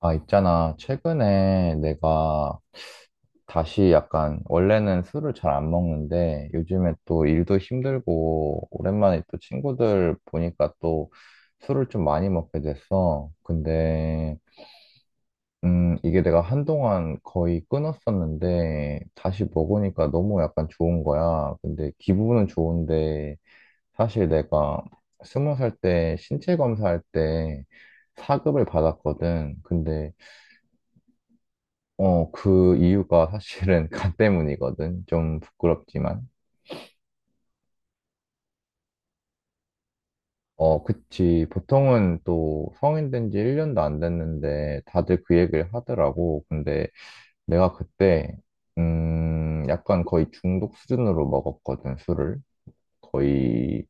아, 있잖아. 최근에 내가 다시 약간, 원래는 술을 잘 안 먹는데, 요즘에 또 일도 힘들고, 오랜만에 또 친구들 보니까 또 술을 좀 많이 먹게 됐어. 근데, 이게 내가 한동안 거의 끊었었는데, 다시 먹으니까 너무 약간 좋은 거야. 근데 기분은 좋은데, 사실 내가 20살 때 신체 검사할 때 사급을 받았거든. 근데 그 이유가 사실은 간 때문이거든. 좀 부끄럽지만. 어, 그치. 보통은 또 성인 된 지 1년도 안 됐는데 다들 그 얘기를 하더라고. 근데 내가 그때, 약간 거의 중독 수준으로 먹었거든, 술을. 거의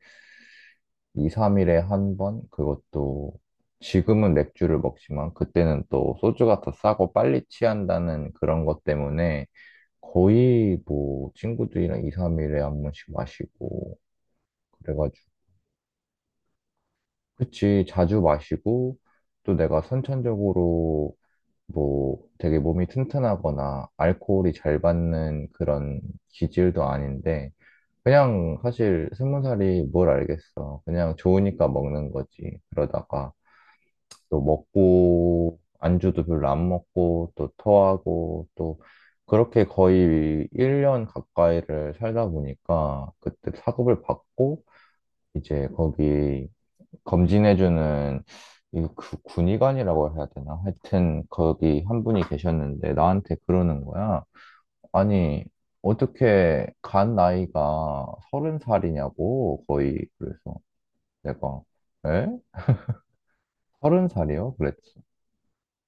2, 3일에 한 번? 그것도 지금은 맥주를 먹지만 그때는 또 소주가 더 싸고 빨리 취한다는 그런 것 때문에 거의 뭐 친구들이랑 2, 3일에 한 번씩 마시고 그래가지고, 그치, 자주 마시고, 또 내가 선천적으로 뭐 되게 몸이 튼튼하거나 알코올이 잘 받는 그런 기질도 아닌데, 그냥 사실 20살이 뭘 알겠어. 그냥 좋으니까 먹는 거지. 그러다가 또 먹고 안주도 별로 안 먹고 또 토하고, 또 그렇게 거의 1년 가까이를 살다 보니까 그때 사급을 받고, 이제 거기 검진해주는, 이 그 군의관이라고 해야 되나? 하여튼 거기 한 분이 계셨는데 나한테 그러는 거야. 아니, 어떻게 간 나이가 30살이냐고. 거의 그래서 내가, 에? 30살이요? 그랬지.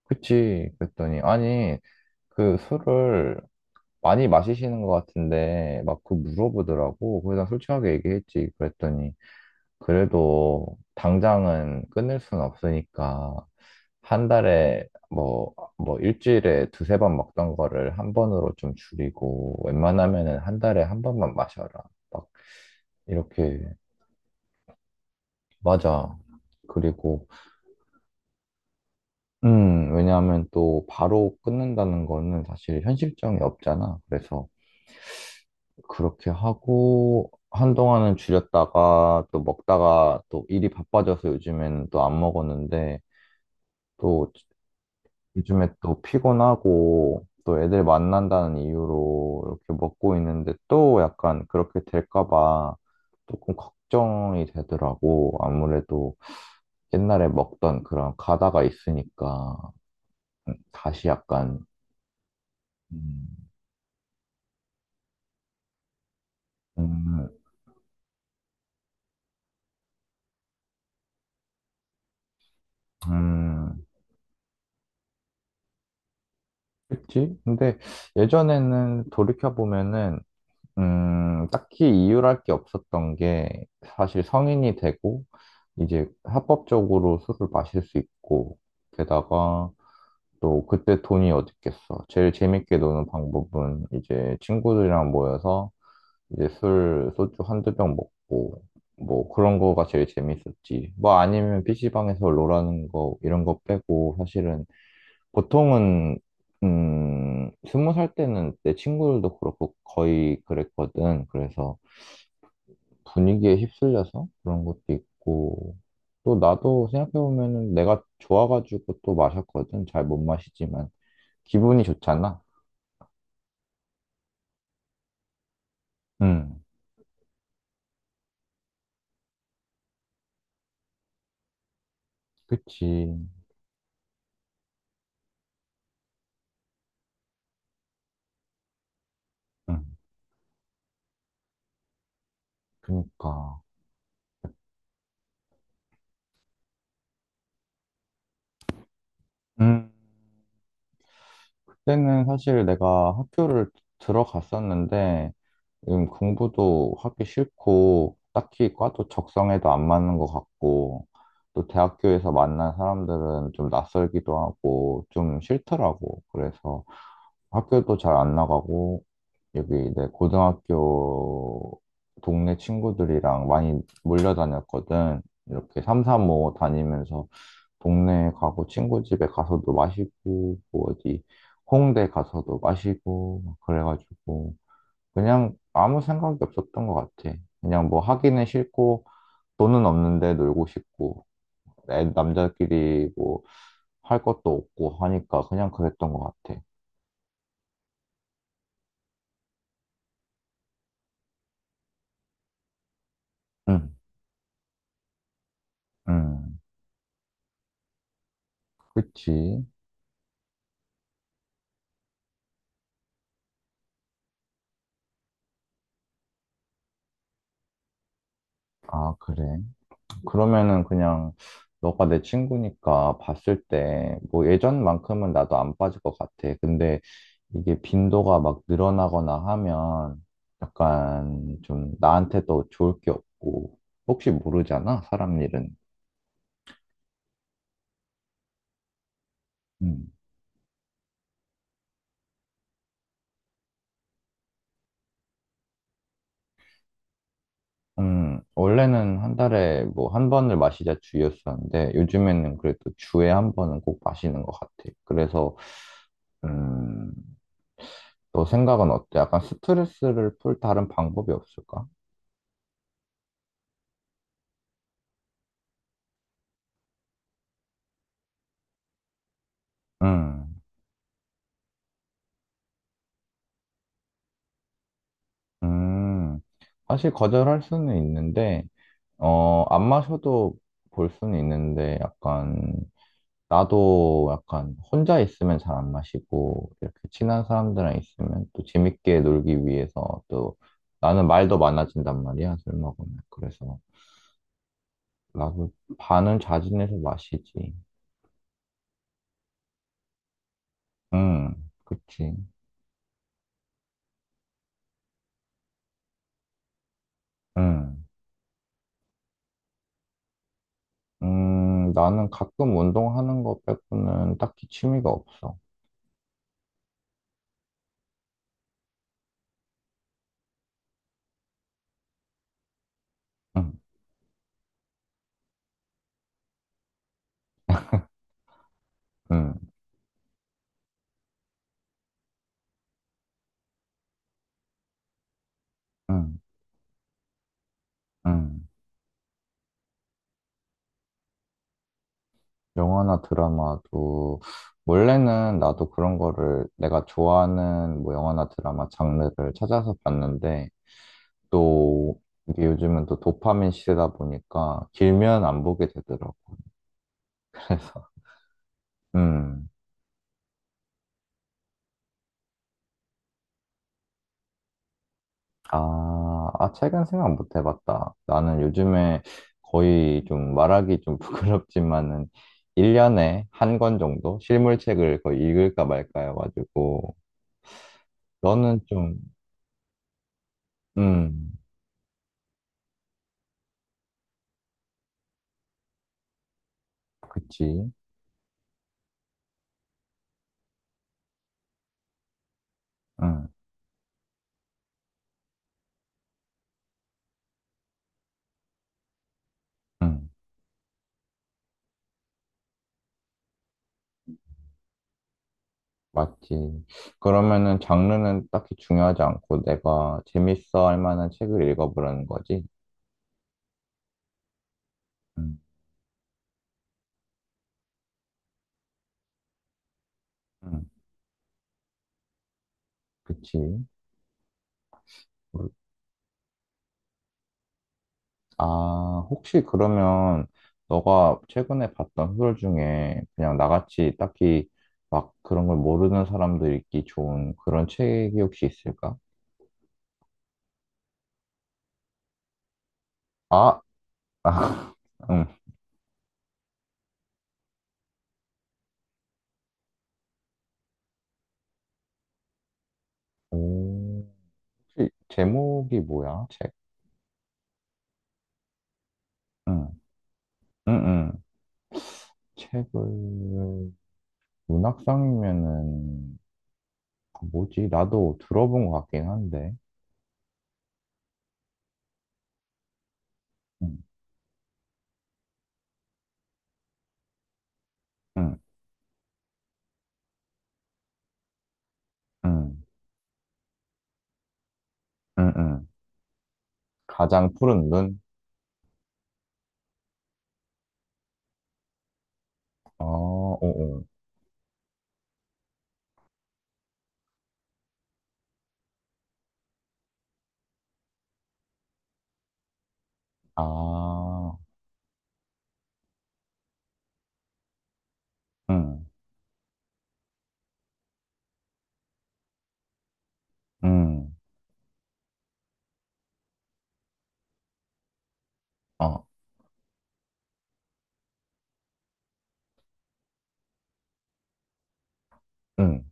그치. 그랬더니, 아니, 그 술을 많이 마시시는 것 같은데 막 그 물어보더라고. 그래서 난 솔직하게 얘기했지. 그랬더니 그래도 당장은 끊을 순 없으니까 한 달에 뭐, 뭐 일주일에 두세 번 먹던 거를 한 번으로 좀 줄이고 웬만하면은 한 달에 한 번만 마셔라. 막 이렇게. 맞아. 그리고 왜냐하면 또 바로 끊는다는 거는 사실 현실성이 없잖아. 그래서 그렇게 하고 한동안은 줄였다가 또 먹다가 또 일이 바빠져서 요즘엔 또 안 먹었는데, 또 요즘에 또 피곤하고 또 애들 만난다는 이유로 이렇게 먹고 있는데, 또 약간 그렇게 될까 봐 조금 걱정이 되더라고. 아무래도 옛날에 먹던 그런 가다가 있으니까 다시 약간 음, 음, 음, 그치? 근데 예전에는 돌이켜보면은 딱히 이유랄 게 없었던 게, 사실 성인이 되고 이제 합법적으로 술을 마실 수 있고, 게다가 또 그때 돈이 어딨겠어. 제일 재밌게 노는 방법은 이제 친구들이랑 모여서 이제 술, 소주 한두 병 먹고 뭐 그런 거가 제일 재밌었지. 뭐 아니면 PC방에서 롤하는 거 이런 거 빼고, 사실은 보통은 20살 때는 내 친구들도 그렇고 거의 그랬거든. 그래서 분위기에 휩쓸려서 그런 것도 있고, 또 나도 생각해보면은 내가 좋아가지고 또 마셨거든. 잘 못 마시지만. 기분이 좋잖아. 응, 그치. 응, 그니까. 음. 그때는 사실 내가 학교를 들어갔었는데, 공부도 하기 싫고, 딱히 과도 적성에도 안 맞는 것 같고, 또 대학교에서 만난 사람들은 좀 낯설기도 하고, 좀 싫더라고. 그래서 학교도 잘 안 나가고, 여기 내 고등학교 동네 친구들이랑 많이 몰려다녔거든. 이렇게 삼삼오오 다니면서 동네에 가고 친구 집에 가서도 마시고 뭐 어디 홍대 가서도 마시고 막 그래가지고, 그냥 아무 생각이 없었던 것 같아. 그냥 뭐 하기는 싫고 돈은 없는데 놀고 싶고, 남자끼리 뭐 할 것도 없고 하니까 그냥 그랬던 것 같아. 응, 응, 그치. 아, 그래. 그러면은 그냥, 너가 내 친구니까 봤을 때 뭐 예전만큼은 나도 안 빠질 것 같아. 근데 이게 빈도가 막 늘어나거나 하면 약간 좀 나한테도 좋을 게 없고, 혹시 모르잖아, 사람 일은. 음. 원래는 한 달에 뭐 한 번을 마시자 주였었는데 요즘에는 그래도 주에 한 번은 꼭 마시는 것 같아. 그래서 음, 너 생각은 어때? 약간 스트레스를 풀 다른 방법이 없을까? 음. 음, 사실 거절할 수는 있는데, 안 마셔도 볼 수는 있는데, 약간, 나도 약간 혼자 있으면 잘 안 마시고, 이렇게 친한 사람들이랑 있으면 또 재밌게 놀기 위해서 또 나는 말도 많아진단 말이야, 술 먹으면. 그래서 나도 반은 자진해서 마시지. 응, 그치. 응. 나는 가끔 운동하는 거 빼고는 딱히 취미가 없어. 응, 응, 응, 응. 영화나 드라마도 원래는 나도 그런 거를, 내가 좋아하는 뭐 영화나 드라마 장르를 찾아서 봤는데, 또 이게 요즘은 또 도파민 시대다 보니까 길면 안 보게 되더라고. 그래서 음. 아, 아, 최근 생각 못 해봤다. 나는 요즘에 거의 좀, 말하기 좀 부끄럽지만은, 1년에 한 권 정도 실물책을 거의 읽을까 말까 해가지고. 너는 좀 음, 그치. 음. 응, 맞지. 그러면은 장르는 딱히 중요하지 않고 내가 재밌어 할 만한 책을 읽어보라는 거지. 응, 응, 그치. 뭐, 아, 혹시 그러면, 너가 최근에 봤던 소설 중에 그냥 나같이 딱히 막 그런 걸 모르는 사람도 읽기 좋은 그런 책이 혹시 있을까? 아, 아, 응. 오, 혹시 제목이 뭐야, 책? 응, 응, 응. 책을, 문학상이면은, 아, 뭐지? 나도 들어본 것 같긴 한데. 응, 응, 응, 응, 응. 가장 푸른 눈? 어, 오, 오. 아, 응, 응, 어, 응,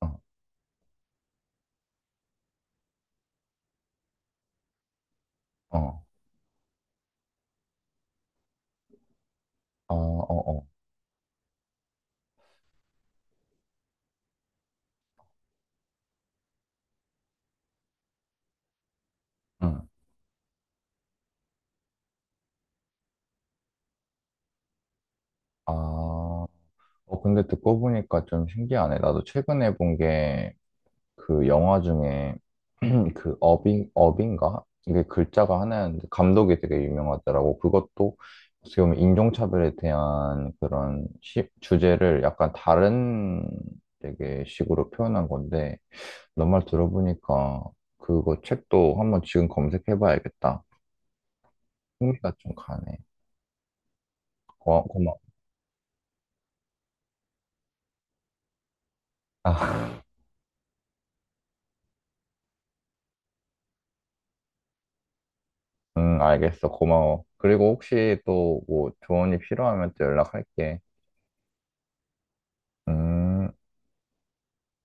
어, 어, 아, 어, 어, 응, 아. 어, 근데 듣고 보니까 좀 신기하네. 나도 최근에 본게, 그 영화 중에 그 어빙가, 이게 글자가 하나였는데, 감독이 되게 유명하더라고. 그것도 어떻게 보면 인종차별에 대한 그런 주제를 약간 다른 되게 식으로 표현한 건데, 너 말 들어보니까 그거 책도 한번 지금 검색해봐야겠다. 흥미가 좀 가네. 고마워. 아, 응, 알겠어. 고마워. 그리고 혹시 또 뭐 조언이 필요하면 또 연락할게. 음.